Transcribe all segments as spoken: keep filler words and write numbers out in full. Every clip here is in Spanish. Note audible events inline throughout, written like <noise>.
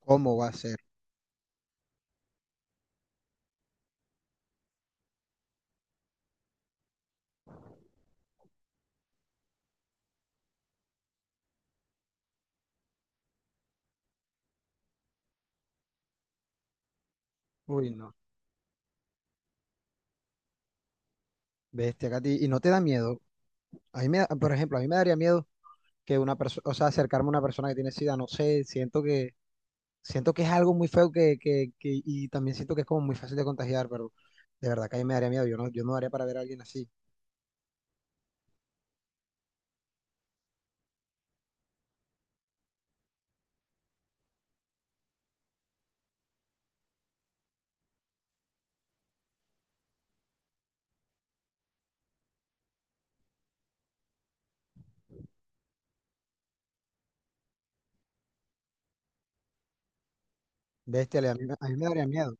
¿Cómo va a ser? Uy, no. Bestia, Katy. ¿Y no te da miedo? A mí me da- Por ejemplo, a mí me daría miedo que una persona, o sea, acercarme a una persona que tiene SIDA, no sé, siento que, siento que es algo muy feo que, que, que, y también siento que es como muy fácil de contagiar, pero de verdad que a mí me daría miedo. Yo no, yo no daría para ver a alguien así. Bestia, a mí, me- a mí me daría miedo.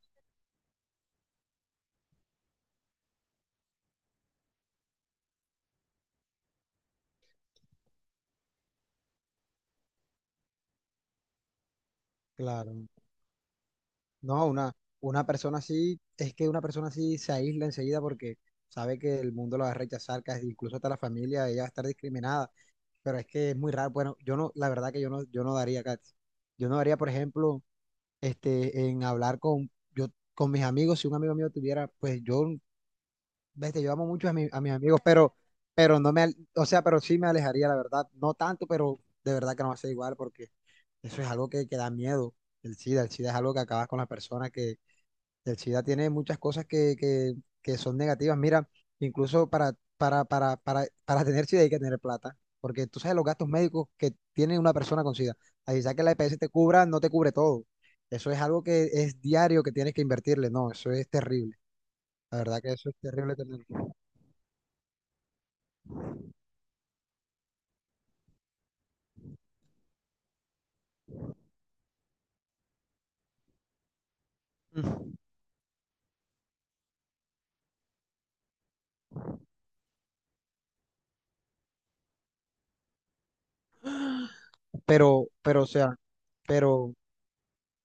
Claro. No, una, una persona así, es que una persona así se aísla enseguida porque sabe que el mundo la va a rechazar, casi incluso hasta la familia, ella va a estar discriminada. Pero es que es muy raro. Bueno, yo no, la verdad que yo no, yo no daría, Katy. Yo no daría, por ejemplo, este, en hablar con, yo, con mis amigos, si un amigo mío tuviera, pues yo, vete, yo amo mucho a, mi- a mis amigos, pero, pero no me, al- o sea, pero sí me alejaría, la verdad, no tanto, pero de verdad que no va a ser igual, porque eso es algo que, que da miedo, el SIDA, el SIDA es algo que acabas con las personas que, el SIDA tiene muchas cosas que, que, que son negativas. Mira, incluso para, para, para, para, para tener SIDA hay que tener plata, porque tú sabes los gastos médicos que tiene una persona con SIDA. Así sea que la E P S te cubra, no te cubre todo. Eso es algo que es diario que tienes que invertirle. No, eso es terrible. La verdad que eso es terrible tenerlo. Mm. Pero, pero, o sea, pero,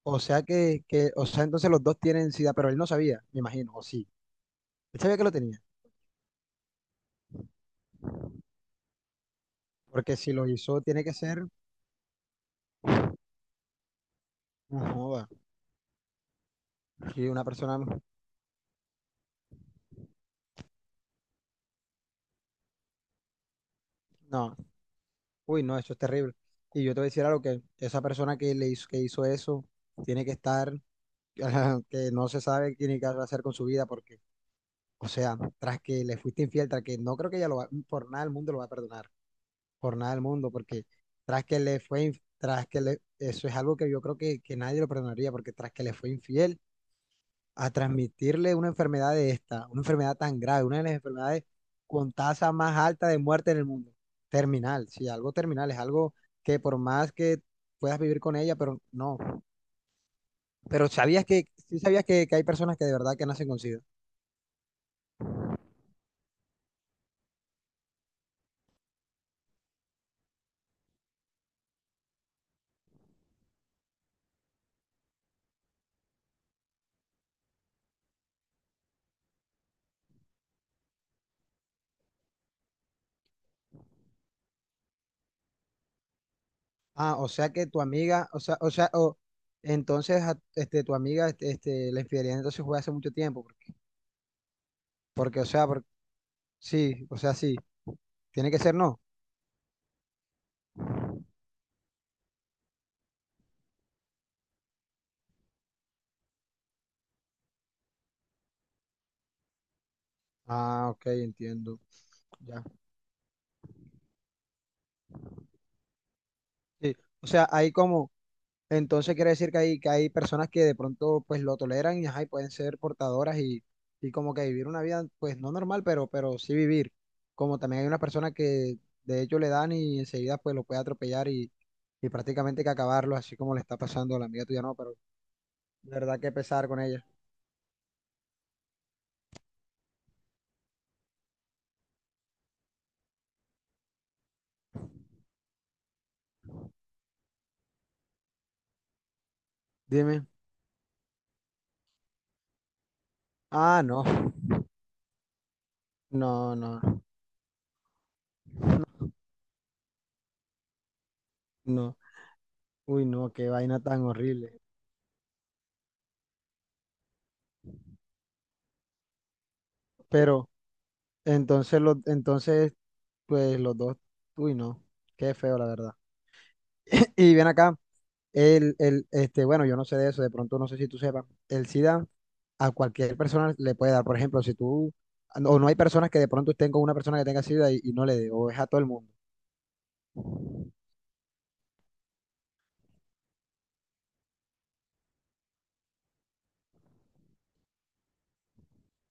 o sea que, que, o sea, entonces los dos tienen SIDA, pero él no sabía, me imagino, o sí. Él sabía que lo tenía, porque si lo hizo, tiene que ser, no joda, que una persona. No, uy, no, eso es terrible. Y yo te voy a decir algo que esa persona que le hizo, que hizo eso tiene que estar, <laughs> que no se sabe qué tiene que hacer con su vida, porque, o sea, tras que le fuiste infiel, tras que no creo que ella lo va, por nada del mundo lo va a perdonar, por nada del mundo, porque tras que le fue, inf- tras que le, eso es algo que yo creo que, que nadie lo perdonaría, porque tras que le fue infiel, a transmitirle una enfermedad de esta, una enfermedad tan grave, una de las enfermedades con tasa más alta de muerte en el mundo. Terminal, sí, algo terminal, es algo que por más que puedas vivir con ella, pero no. Pero sabías que, sí sabías que, que hay personas que de verdad que nacen con SIDA. Ah, o sea que tu amiga, o sea, o sea, o entonces a- este, tu amiga, este, este, la infidelidad entonces fue hace mucho tiempo, porque, porque, o sea, por- sí, o sea, sí, tiene que ser no. Ah, ok, entiendo, ya. Sí, o sea, hay como. Entonces quiere decir que hay, que hay personas que de pronto pues lo toleran y, ajá, y pueden ser portadoras y, y como que vivir una vida pues no normal, pero, pero sí vivir. Como también hay una persona que de hecho le dan y enseguida pues lo puede atropellar y, y prácticamente que acabarlo, así como le está pasando a la amiga tuya, no, pero de verdad que pesar con ella. Dime. Ah, no, <laughs> no, no, no. Uy, no, qué vaina tan horrible. Pero entonces, los entonces pues los dos, uy, no, qué feo la verdad. <clears throat> Y bien acá. El, el, este, bueno, yo no sé de eso, de pronto no sé si tú sepas. El SIDA a cualquier persona le puede dar. Por ejemplo, si tú, o no hay personas que de pronto estén con una persona que tenga SIDA y, y no le dé, o es a todo el mundo.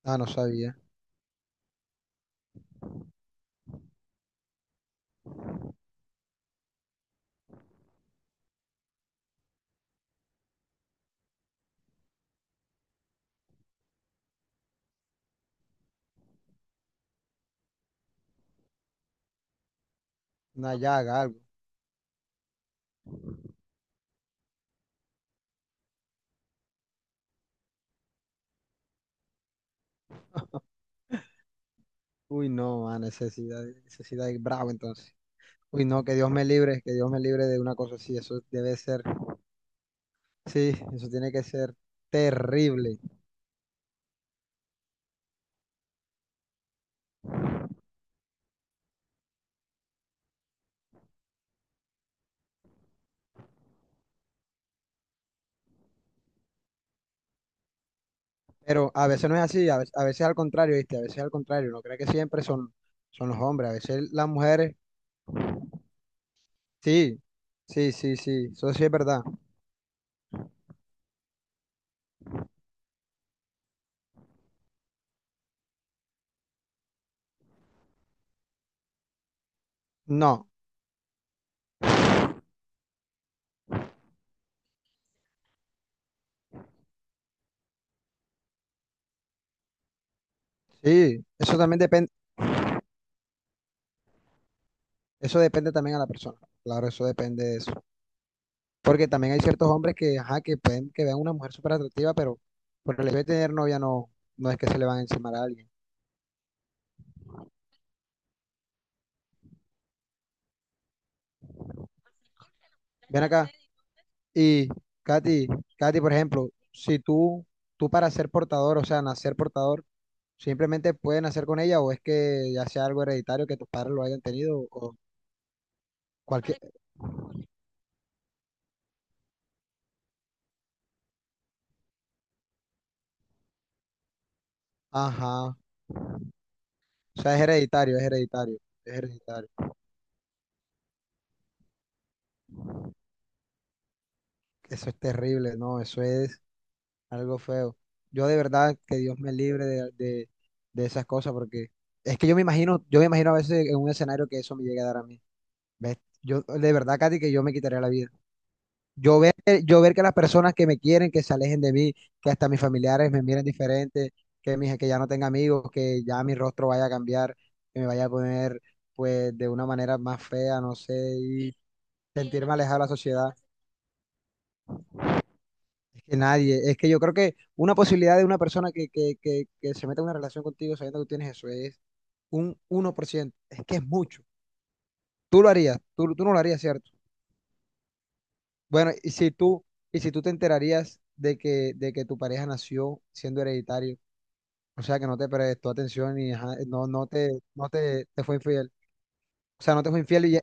Ah, no sabía. Una llaga, algo. Uy, no, a necesidad, necesidad es bravo entonces. Uy, no, que Dios me libre, que Dios me libre de una cosa así. Eso debe ser, sí, eso tiene que ser terrible. Pero a veces no es así, a veces, a veces al contrario, ¿viste? A veces al contrario, no cree que siempre son, son los hombres, a veces las mujeres. Sí, sí, sí, sí, eso sí es verdad. No, sí, eso también depende, eso depende también a la persona. Claro, eso depende de eso. Porque también hay ciertos hombres que, ajá, que pueden que vean una mujer súper atractiva, pero por el hecho de tener novia no, no es que se le van a encimar a alguien. Ven acá, y Katy, Katy, por ejemplo, si tú, tú para ser portador, o sea, nacer portador, simplemente puedes nacer con ella, o es que ya sea algo hereditario que tus padres lo hayan tenido, o cualquier, ajá. O sea, es hereditario, es hereditario, es hereditario. Eso es terrible, no, eso es algo feo. Yo de verdad que Dios me libre de, de, de esas cosas, porque es que yo me imagino, yo me imagino a veces en un escenario que eso me llegue a dar a mí. ¿Ves? Yo, de verdad, Katy, que yo me quitaría la vida. Yo ver, que- yo ver que las personas que me quieren, que se alejen de mí, que hasta mis familiares me miren diferente, que, mis, que ya no tenga amigos, que ya mi rostro vaya a cambiar, que me vaya a poner pues de una manera más fea, no sé, y sentirme alejado de la sociedad. Que nadie. Es que yo creo que una posibilidad de una persona que, que, que, que se meta en una relación contigo sabiendo que tienes eso es un uno por ciento. Es que es mucho. Tú lo harías, tú, tú no lo harías, ¿cierto? Bueno, y si tú, y si tú te enterarías de que, de que tu pareja nació siendo hereditario, o sea que no te prestó atención y ajá, no, no te, no te, te fue infiel. O sea, no te fue infiel y ya-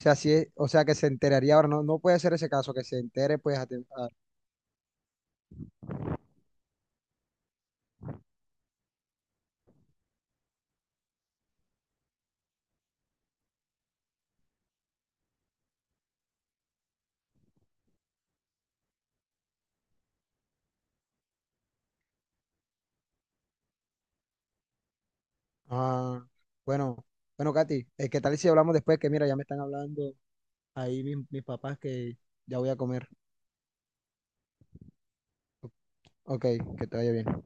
o sea, sí es- o sea que se enteraría ahora, no, no puede ser ese caso, que se entere pues a. Ah, bueno, bueno, Katy, eh, ¿qué tal si hablamos después? Que mira, ya me están hablando ahí mis, mis papás que ya voy a comer. Ok, que te vaya bien.